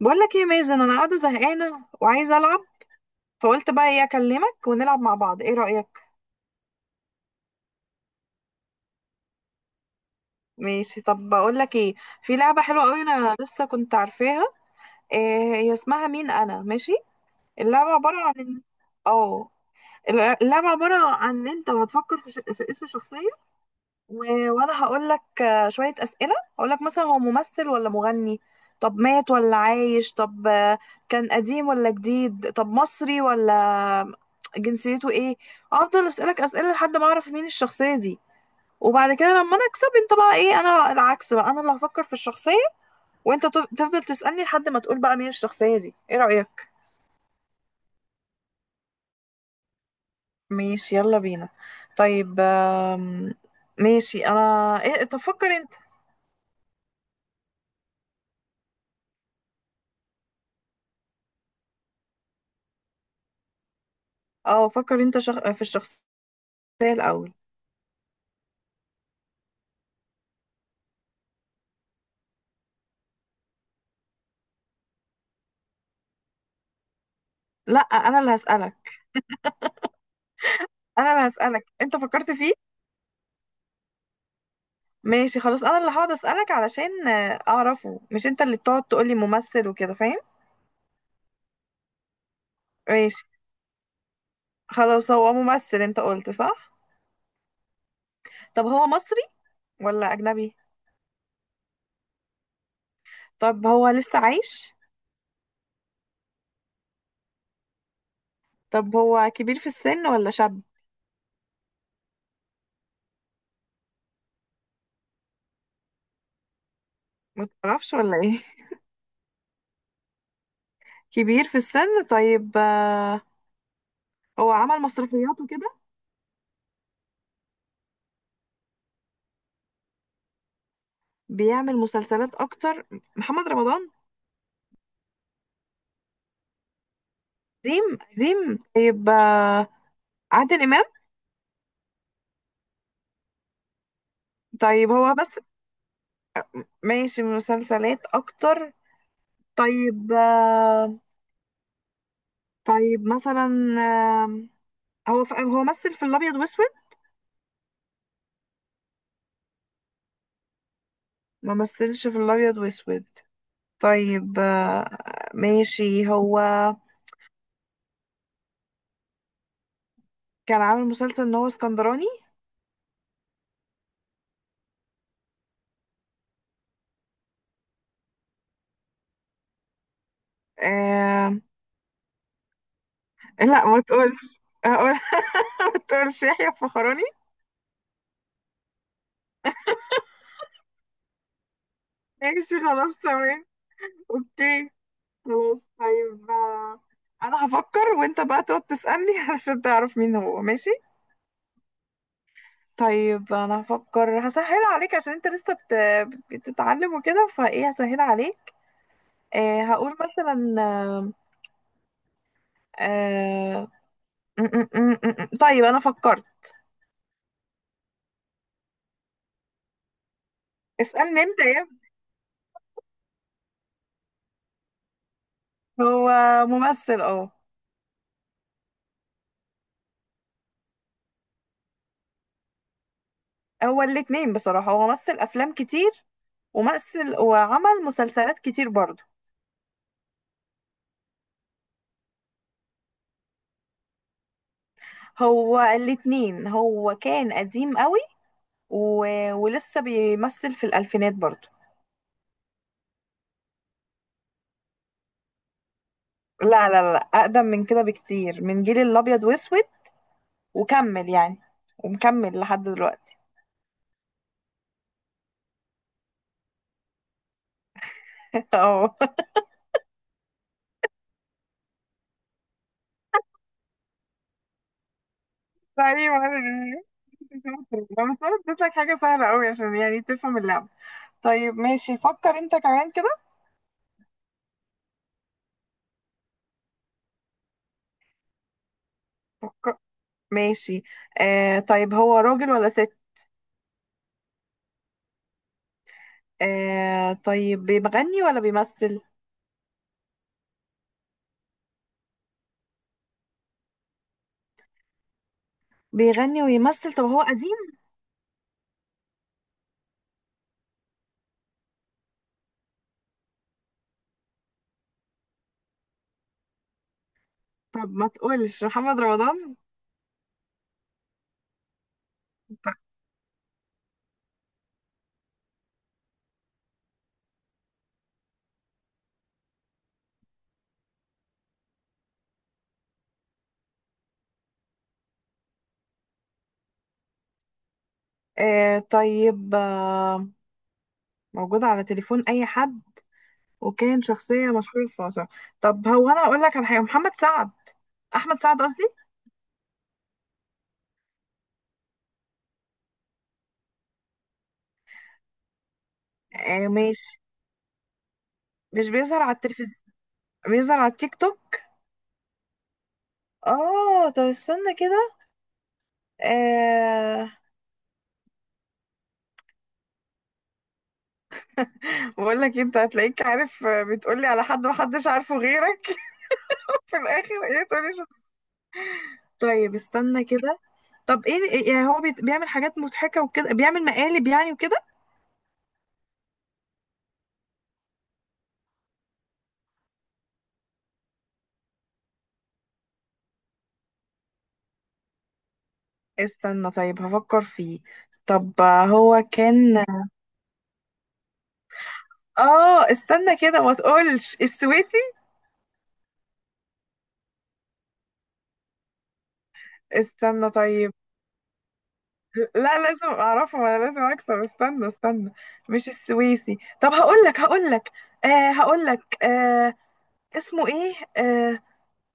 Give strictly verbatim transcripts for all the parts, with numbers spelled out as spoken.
بقول لك ايه يا مازن، انا قاعده زهقانه وعايزه العب. فقلت بقى ايه اكلمك ونلعب مع بعض، ايه رايك؟ ماشي. طب بقول لك ايه، في لعبه حلوه قوي انا لسه كنت عارفاها. إيه هي اسمها؟ مين انا ماشي. اللعبه عباره عن إن- اه اللعبه عباره عن ان انت هتفكر في, ش... في اسم شخصيه، و- وانا هقول لك آه، شويه اسئله. هقول لك مثلا هو ممثل ولا مغني، طب مات ولا عايش، طب آه، كان قديم ولا جديد، طب مصري ولا جنسيته ايه. افضل اسالك اسئله لحد ما اعرف مين الشخصيه دي. وبعد كده لما انا اكسب انت بقى ايه، انا العكس بقى، انا اللي هفكر في الشخصيه وانت تف- تفضل تسالني لحد ما تقول بقى مين الشخصيه دي. ايه رايك؟ ماشي يلا بينا. طيب آم، ماشي انا. إيه، طب فكر انت. اه فكر انت شخ... في الشخصيه الاول. لا انا اللي هسألك. انا اللي هسألك انت فكرت فيه. ماشي خلاص، انا اللي هقعد أسألك علشان آه، اعرفه، مش انت اللي تقعد تقولي ممثل وكده، فاهم؟ ماشي. خلاص، هو ممثل انت قلت، صح؟ طب هو مصري ولا اجنبي؟ طب هو لسه عايش؟ طب هو كبير في السن ولا شاب؟ ما تعرفش ولا ايه؟ كبير في السن. طيب آه، هو عمل مسرحيات وكده؟ بيعمل مسلسلات اكتر. محمد رمضان؟ قديم قديم، طيب آه، عادل امام؟ طيب هو بس ماشي، مسلسلات اكتر. طيب آه، طيب مثلا، آه، هو ف- هو مثل في الابيض واسود؟ ما مثلش في الابيض واسود. طيب آه، ماشي. هو كان عامل مسلسل ان هو اسكندراني. آه، لا ما تقولش. أقول ما تقولش يحيى الفخراني. ماشي خلاص تمام، اوكي. خلاص طيب آه، انا هفكر وانت بقى تقعد تسألني علشان تعرف مين هو، ماشي؟ طيب انا هفكر، هسهل عليك عشان انت لسه بت... بتتعلم وكده، فايه هسهل عليك. آه هقول مثلا آه... آه، م- م- م- م- م. طيب انا فكرت. اسألني انت يا ابني. هو ممثل، اه. هو الاتنين بصراحة، هو مثل افلام كتير ومثل وعمل مسلسلات كتير برضه. هو الاتنين، هو كان قديم قوي و... ولسه بيمثل في الالفينات برضه. لا لا لا لا، اقدم من كده بكتير، من جيل الابيض واسود وكمل يعني، ومكمل لحد دلوقتي. اه لا ايه ولا انا، بس انا اديت لك حاجه سهله قوي عشان يعني تفهم اللعبه. طيب ماشي، فكر انت كمان كده. فك- ماشي. آه طيب هو راجل ولا ست؟ آه طيب بيغني ولا بيمثل؟ بيغني ويمثل. طب هو قديم؟ طب ما تقولش محمد رمضان. طب آه، طيب آه، موجود على تليفون اي حد، وكان شخصية مشهورة في مصر. طب هو، انا اقول لك على حاجة، محمد سعد، احمد سعد قصدي. آه ماشي، مش بيظهر على التلفزيون، بيظهر على التيك توك. اه طب استنى كده. آه، بقول لك انت هتلاقيك عارف، آه، بتقولي على حد محدش عارفه غيرك في الاخر، ايه تقولي شخص. طيب استنى كده. طب ايه، إيه- يعني هو بيت- بيعمل حاجات مضحكة وكده، بيعمل مقالب يعني وكده؟ استنى طيب هفكر فيه. طب آه، هو كان، اه استنى كده، ما تقولش السويسي. استنى طيب. لا لازم اعرفه، ما انا لازم اكسب، استنى استنى. مش السويسي. طب هقول لك هقول لك آه، هقول لك آه، اسمه ايه. آه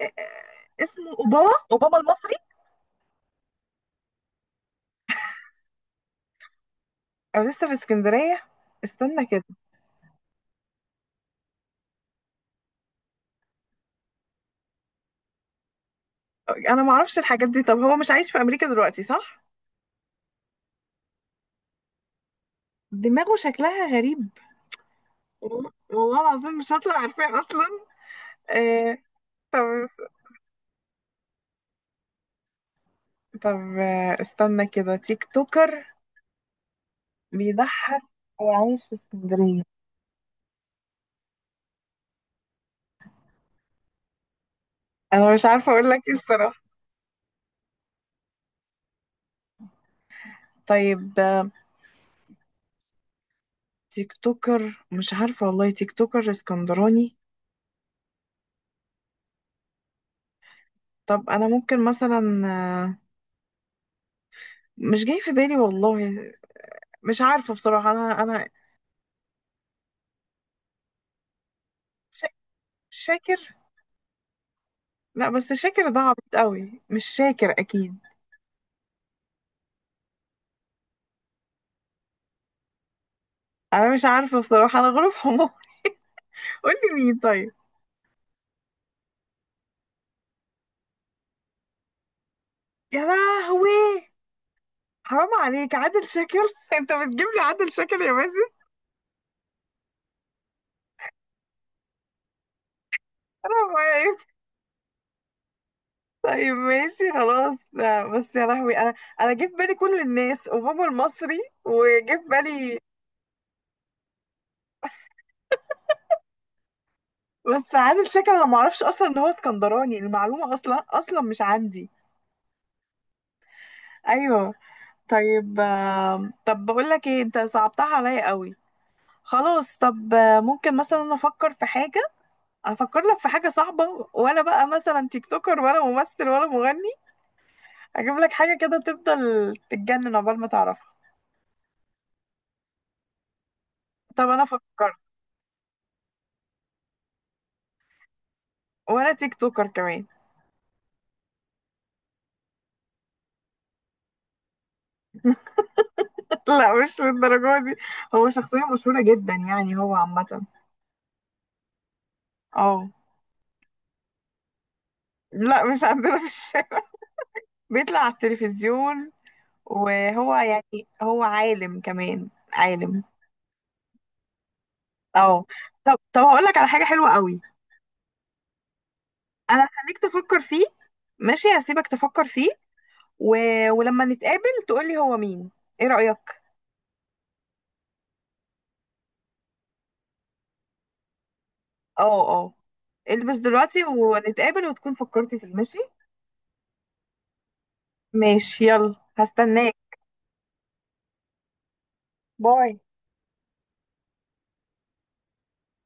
آه آه، اسمه اوباما، اوباما المصري. انا لسه في اسكندرية. استنى كده. انا ما اعرفش الحاجات دي. طب هو مش عايش في امريكا دلوقتي، صح؟ دماغه شكلها غريب. وال- والله العظيم مش هطلع عارفاه اصلا. آه طب. طب آه استنى كده، تيك توكر، بيضحك، وعايش في اسكندرية. انا مش عارفة اقول لك ايه الصراحة. طيب آه، تيك توكر، مش عارفة والله. تيك توكر اسكندراني. طب أنا ممكن مثلا، آه، مش جاي في بالي والله. مش عارفة بصراحة. أنا أنا شا- شاكر. لا بس شاكر ده عبيط قوي، مش شاكر أكيد. أنا مش عارفة بصراحة، أنا غروب حمار. قولي مين طيب. يا لهوي، حرام عليك، عادل شاكر؟ انت بتجيب لي عادل شاكر يا مازن! حرام عليك. طيب ماشي خلاص. لا، بس يا لهوي انا، انا جه في بالي كل الناس، وبابا المصري وجه في بالي. بس عادل شكل انا ما اعرفش اصلا ان هو اسكندراني، المعلومه اصلا اصلا مش عندي. ايوه. طيب آم، طب بقول لك ايه، انت صعبتها عليا قوي. خلاص. طب آه، ممكن مثلا انا افكر في حاجه، افكر لك في حاجه صعبه، ولا بقى مثلا تيك توكر ولا ممثل ولا مغني؟ اجيب لك حاجه كده تفضل تتجنن عقبال ما تعرفها. طب انا فكرت. ولا تيك توكر كمان. لا مش للدرجة دي، هو شخصية مشهورة جدا يعني، هو عامة. اه. لا مش عندنا في الشارع، بيطلع على التلفزيون. وهو يعني هو عالم كمان، عالم. اه. طب طب هقول لك على حاجة حلوة قوي. انا هخليك تفكر فيه، ماشي؟ هسيبك تفكر فيه و... ولما نتقابل تقولي هو مين، ايه رأيك؟ اه اه. البس دلوقتي ونتقابل وتكون فكرتي فيه، ماشي؟ ماشي يلا هستناك. باي.